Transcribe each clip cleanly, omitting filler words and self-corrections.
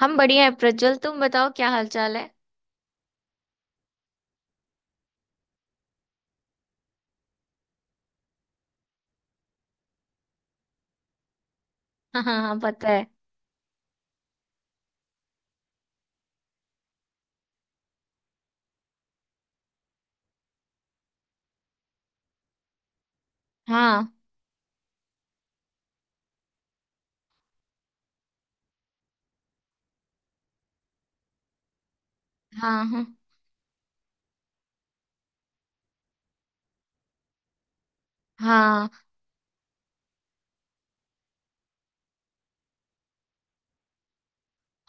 हम बढ़िया है प्रज्वल। तुम बताओ, क्या हाल चाल है? हाँ हाँ हाँ, पता है। हाँ हाँ हाँ। हाँ।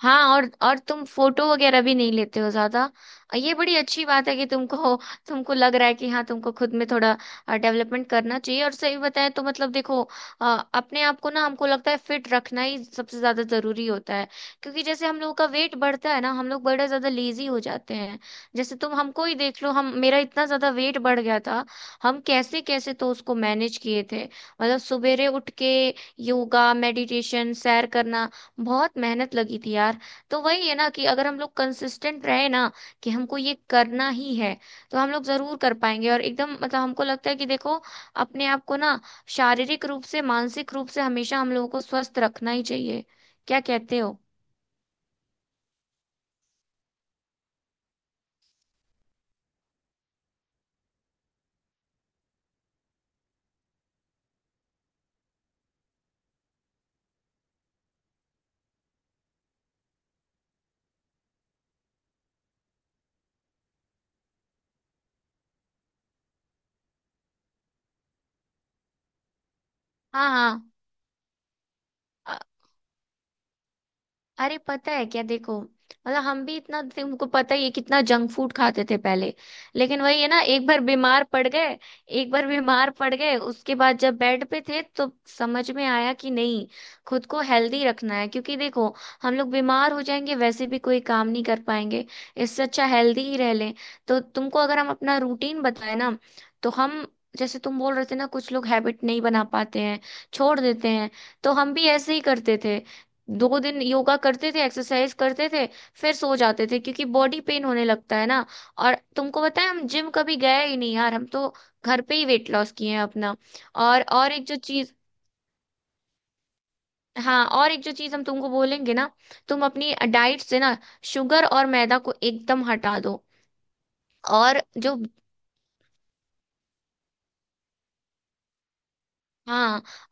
हाँ, और तुम फोटो वगैरह भी नहीं लेते हो ज्यादा। ये बड़ी अच्छी बात है कि तुमको तुमको लग रहा है कि हाँ, तुमको खुद में थोड़ा डेवलपमेंट करना चाहिए। और सही बताएं तो मतलब देखो, अ, अपने आप को ना हमको लगता है फिट रखना ही सबसे ज्यादा जरूरी होता है। क्योंकि जैसे हम लोगों का वेट बढ़ता है ना, हम लोग बड़ा ज्यादा लेजी हो जाते हैं। जैसे तुम हमको ही देख लो, हम मेरा इतना ज्यादा वेट बढ़ गया था। हम कैसे कैसे तो उसको मैनेज किए थे, मतलब सवेरे उठ के योगा, मेडिटेशन, सैर करना। बहुत मेहनत लगी थी यार। तो वही है ना कि अगर हम लोग कंसिस्टेंट रहे ना कि हमको ये करना ही है, तो हम लोग जरूर कर पाएंगे। और एकदम मतलब हमको लगता है कि देखो, अपने आप को ना शारीरिक रूप से, मानसिक रूप से हमेशा हम लोगों को स्वस्थ रखना ही चाहिए। क्या कहते हो? हाँ हाँ। अरे पता है क्या, देखो, मतलब हम भी इतना, तुमको पता ही है, कितना जंक फूड खाते थे पहले। लेकिन वही है ना, एक बार बीमार पड़ गए। एक बार बीमार पड़ गए, उसके बाद जब बेड पे थे तो समझ में आया कि नहीं, खुद को हेल्दी रखना है। क्योंकि देखो, हम लोग बीमार हो जाएंगे वैसे भी कोई काम नहीं कर पाएंगे। इससे अच्छा हेल्दी ही रह लें। तो तुमको अगर हम अपना रूटीन बताए ना, तो हम जैसे तुम बोल रहे थे ना, कुछ लोग हैबिट नहीं बना पाते हैं, छोड़ देते हैं। तो हम भी ऐसे ही करते थे, दो दिन योगा करते थे, एक्सरसाइज करते थे, फिर सो जाते थे क्योंकि बॉडी पेन होने लगता है ना। और तुमको पता है हम जिम कभी गए ही नहीं यार, हम तो घर पे ही वेट लॉस किए हैं अपना। और एक जो चीज, हाँ, और एक जो चीज हम तुमको बोलेंगे ना, तुम अपनी डाइट से ना शुगर और मैदा को एकदम हटा दो। और जो हाँ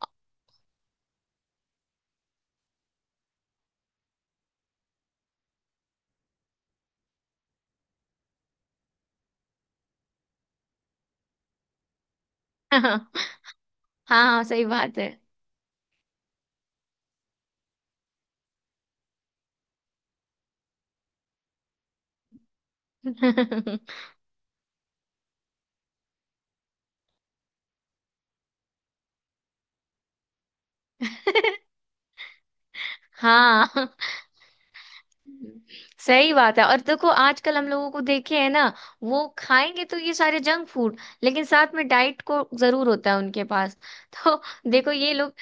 हाँ। हाँ सही बात है। हाँ। हम्म, सही बात है। और देखो आजकल हम लोगों को देखे है ना, वो खाएंगे तो ये सारे जंक फूड, लेकिन साथ में डाइट को जरूर होता है उनके पास। तो देखो ये लोग,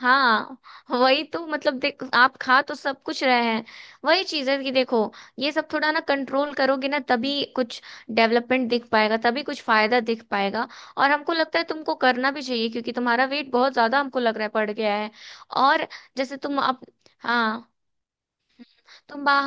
हाँ, वही तो मतलब देख, आप खा तो सब कुछ रहे हैं। वही चीज है कि देखो, ये सब थोड़ा ना कंट्रोल करोगे ना, तभी कुछ डेवलपमेंट दिख पाएगा, तभी कुछ फायदा दिख पाएगा। और हमको लगता है तुमको करना भी चाहिए क्योंकि तुम्हारा वेट बहुत ज्यादा हमको लग रहा है बढ़ गया है। और जैसे तुम अब, हाँ, तुम बा,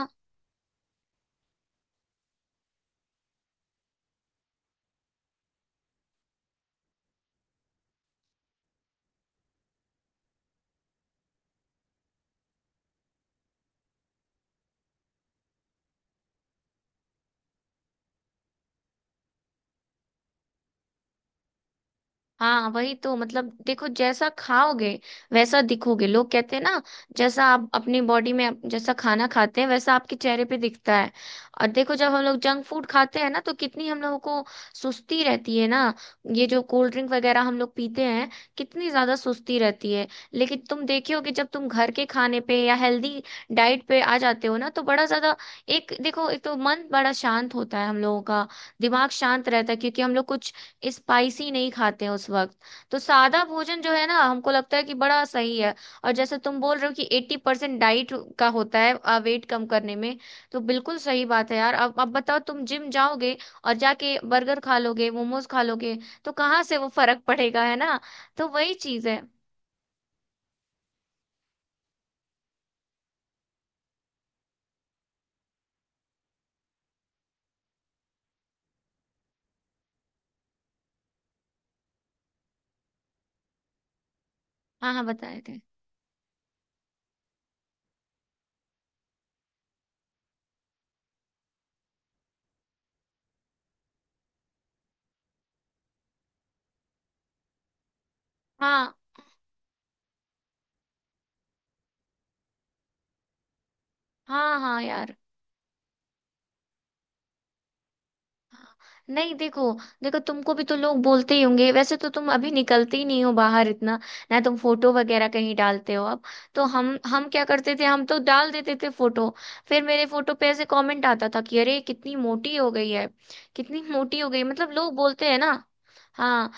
हाँ, वही तो मतलब देखो, जैसा खाओगे वैसा दिखोगे, लोग कहते हैं ना। जैसा आप अपनी बॉडी में जैसा खाना खाते हैं वैसा आपके चेहरे पे दिखता है। और देखो जब हम लोग जंक फूड खाते हैं ना, तो कितनी हम लोगों को सुस्ती रहती है ना। ये जो कोल्ड ड्रिंक वगैरह हम लोग पीते हैं, कितनी ज्यादा सुस्ती रहती है। लेकिन तुम देखे हो कि जब तुम घर के खाने पे या हेल्दी डाइट पे आ जाते हो ना, तो बड़ा ज्यादा, एक देखो, एक तो मन बड़ा शांत होता है हम लोगों का, दिमाग शांत रहता है, क्योंकि हम लोग कुछ स्पाइसी नहीं खाते हैं उस वक्त। तो सादा भोजन जो है ना, हमको लगता है कि बड़ा सही है। और जैसे तुम बोल रहे हो कि एट्टी परसेंट डाइट का होता है वेट कम करने में, तो बिल्कुल सही बात है यार। अब बताओ, तुम जिम जाओगे और जाके बर्गर खा लोगे, मोमोज खा लोगे, तो कहाँ से वो फर्क पड़ेगा, है ना? तो वही चीज है। हाँ हाँ, बताए थे। हाँ। हाँ हाँ यार। नहीं देखो देखो तुमको भी तो लोग बोलते ही होंगे। वैसे तो तुम अभी निकलते ही नहीं हो बाहर इतना, ना तुम फोटो वगैरह कहीं डालते हो अब। तो हम क्या करते थे, हम तो डाल देते थे फोटो। फिर मेरे फोटो पे ऐसे कमेंट आता था कि अरे कितनी मोटी हो गई है, कितनी मोटी हो गई है। मतलब लोग बोलते हैं ना। हाँ,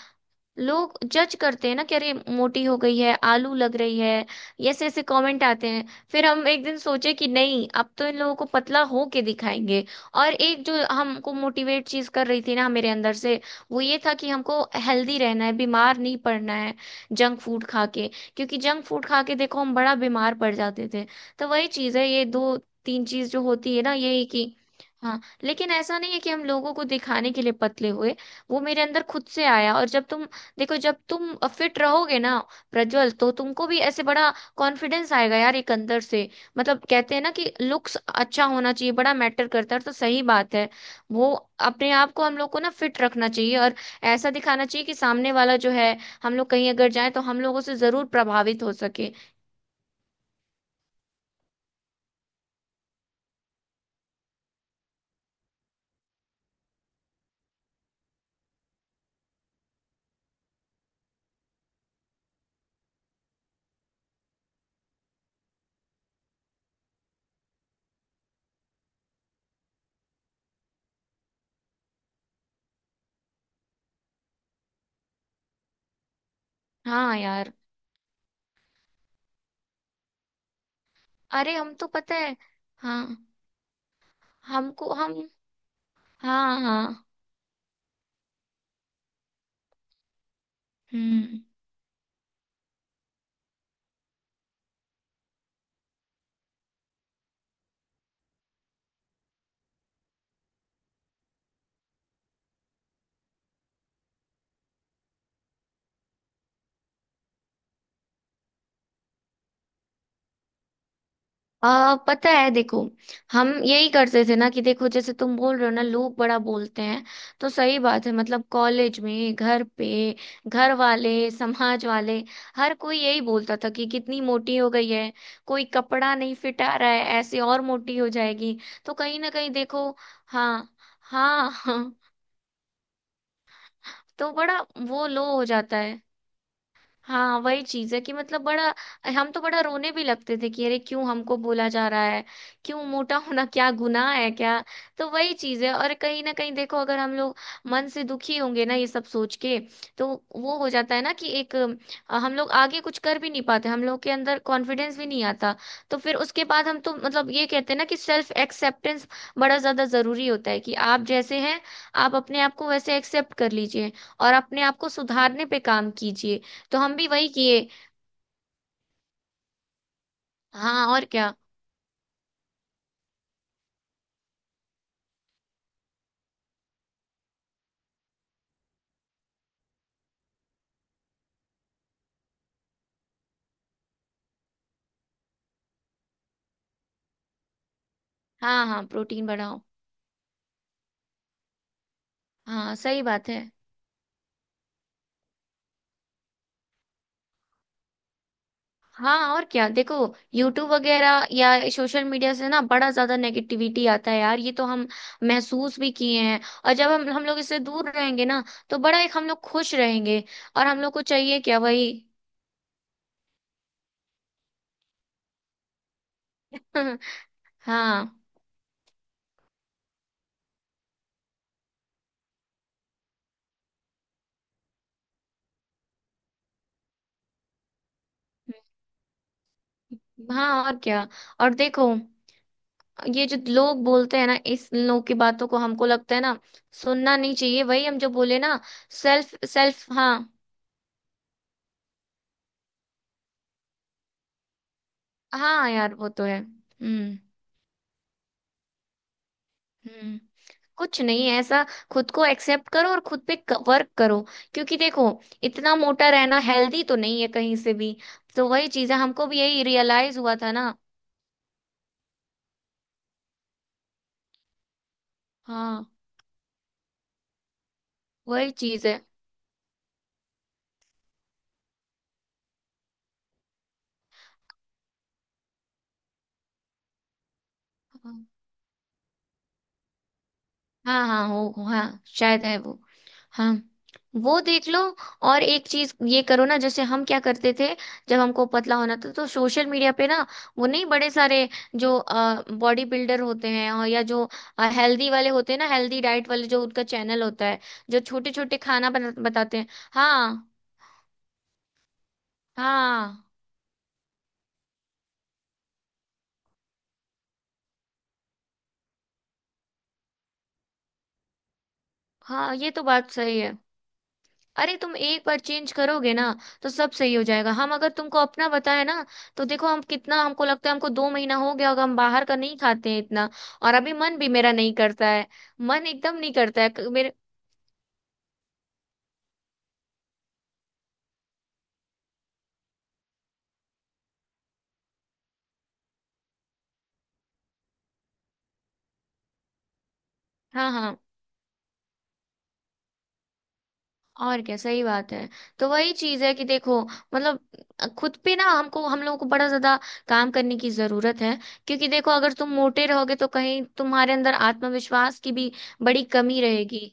लोग जज करते हैं ना कि अरे मोटी हो गई है, आलू लग रही है। ये ऐसे ऐसे कमेंट आते हैं। फिर हम एक दिन सोचे कि नहीं, अब तो इन लोगों को पतला हो के दिखाएंगे। और एक जो हमको मोटिवेट चीज कर रही थी ना मेरे अंदर से, वो ये था कि हमको हेल्दी रहना है, बीमार नहीं पड़ना है जंक फूड खा के। क्योंकि जंक फूड खा के देखो हम बड़ा बीमार पड़ जाते थे। तो वही चीज है, ये दो तीन चीज जो होती है ना यही कि, हाँ, लेकिन ऐसा नहीं है कि हम लोगों को दिखाने के लिए पतले हुए। वो मेरे अंदर खुद से आया। और जब तुम, देखो, जब तुम फिट रहोगे ना प्रज्वल, तो तुमको भी ऐसे बड़ा कॉन्फिडेंस आएगा यार एक अंदर से। मतलब कहते हैं ना कि लुक्स अच्छा होना चाहिए, बड़ा मैटर करता है, तो सही बात है। वो, अपने आप को हम लोग को ना फिट रखना चाहिए और ऐसा दिखाना चाहिए कि सामने वाला जो है, हम लोग कहीं अगर जाए तो हम लोगों से जरूर प्रभावित हो सके। हाँ यार। अरे हम तो पता है। हाँ। हमको हम, हाँ हाँ। हम्म पता है देखो, हम यही करते थे ना कि देखो, जैसे तुम बोल रहे हो ना, लोग बड़ा बोलते हैं। तो सही बात है, मतलब कॉलेज में, घर पे, घर वाले, समाज वाले, हर कोई यही बोलता था कि कितनी मोटी हो गई है, कोई कपड़ा नहीं फिट आ रहा है, ऐसे और मोटी हो जाएगी। तो कहीं ना कहीं देखो, हाँ हाँ हाँ, तो बड़ा वो लो हो जाता है। हाँ, वही चीज है कि मतलब बड़ा, हम तो बड़ा रोने भी लगते थे कि अरे क्यों हमको बोला जा रहा है, क्यों, मोटा होना क्या गुनाह है क्या? तो वही चीज है। और कहीं ना कहीं देखो, अगर हम लोग मन से दुखी होंगे ना ये सब सोच के, तो वो हो जाता है ना कि एक, हम लोग आगे कुछ कर भी नहीं पाते, हम लोग के अंदर कॉन्फिडेंस भी नहीं आता। तो फिर उसके बाद हम तो मतलब ये कहते हैं ना कि सेल्फ एक्सेप्टेंस बड़ा ज्यादा जरूरी होता है, कि आप जैसे हैं आप अपने आप को वैसे एक्सेप्ट कर लीजिए और अपने आप को सुधारने पे काम कीजिए। तो हम भी वही किए। हाँ और क्या। हाँ हाँ, प्रोटीन बढ़ाओ। हाँ सही बात है। हाँ और क्या देखो, यूट्यूब वगैरह या सोशल मीडिया से ना बड़ा ज्यादा नेगेटिविटी आता है यार, ये तो हम महसूस भी किए हैं। और जब हम लोग इससे दूर रहेंगे ना, तो बड़ा एक हम लोग खुश रहेंगे। और हम लोग को चाहिए क्या, वही। हाँ। हाँ और क्या। और देखो ये जो लोग बोलते हैं ना, इस लोग की बातों को हमको लगता है ना सुनना नहीं चाहिए, वही हम जो बोले ना, सेल्फ सेल्फ, हाँ। हाँ यार वो तो है। हम्म। हम्म, कुछ नहीं ऐसा, खुद को एक्सेप्ट करो और खुद पे वर्क करो। क्योंकि देखो इतना मोटा रहना हेल्दी तो नहीं है कहीं से भी। तो वही चीज है, हमको भी यही रियलाइज हुआ था ना। हाँ, वही चीज है। हाँ हाँ हो हाँ, शायद है वो। हाँ, वो देख लो। और एक चीज ये करो ना, जैसे हम क्या करते थे, जब हमको पतला होना था तो सोशल मीडिया पे ना वो नहीं, बड़े सारे जो बॉडी बिल्डर होते हैं, और या जो हेल्दी वाले होते हैं ना, हेल्दी डाइट वाले, जो उनका चैनल होता है, जो छोटे छोटे खाना बना बताते हैं। हाँ। हाँ हाँ, ये तो बात सही है। अरे तुम एक बार चेंज करोगे ना, तो सब सही हो जाएगा। हम अगर तुमको अपना बताए ना, तो देखो हम कितना, हमको लगता है हमको दो महीना हो गया होगा, हम बाहर का नहीं खाते हैं इतना। और अभी मन भी मेरा नहीं करता है, मन एकदम नहीं करता है मेरे। हाँ हाँ और क्या, सही बात है। तो वही चीज है कि देखो मतलब खुद पे ना हमको, हम लोगों को बड़ा ज्यादा काम करने की जरूरत है। क्योंकि देखो अगर तुम मोटे रहोगे तो कहीं तुम्हारे अंदर आत्मविश्वास की भी बड़ी कमी रहेगी।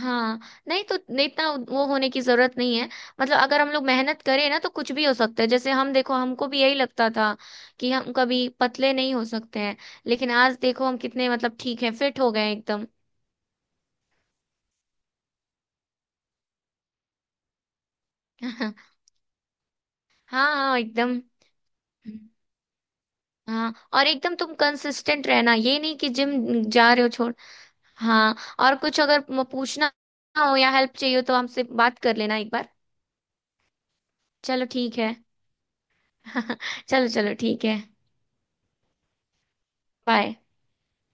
हाँ, नहीं तो नहीं, इतना वो होने की जरूरत नहीं है। मतलब अगर हम लोग मेहनत करें ना, तो कुछ भी हो सकता है। जैसे हम देखो, हमको भी यही लगता था कि हम कभी पतले नहीं हो सकते हैं, लेकिन आज देखो हम कितने मतलब ठीक है, फिट हो गए हैं एकदम। हाँ हाँ एकदम। हाँ, और एकदम तुम कंसिस्टेंट रहना, ये नहीं कि जिम जा रहे हो छोड़। हाँ, और कुछ अगर पूछना हो या हेल्प चाहिए हो, तो हमसे बात कर लेना एक बार। चलो ठीक है। चलो चलो ठीक है। बाय।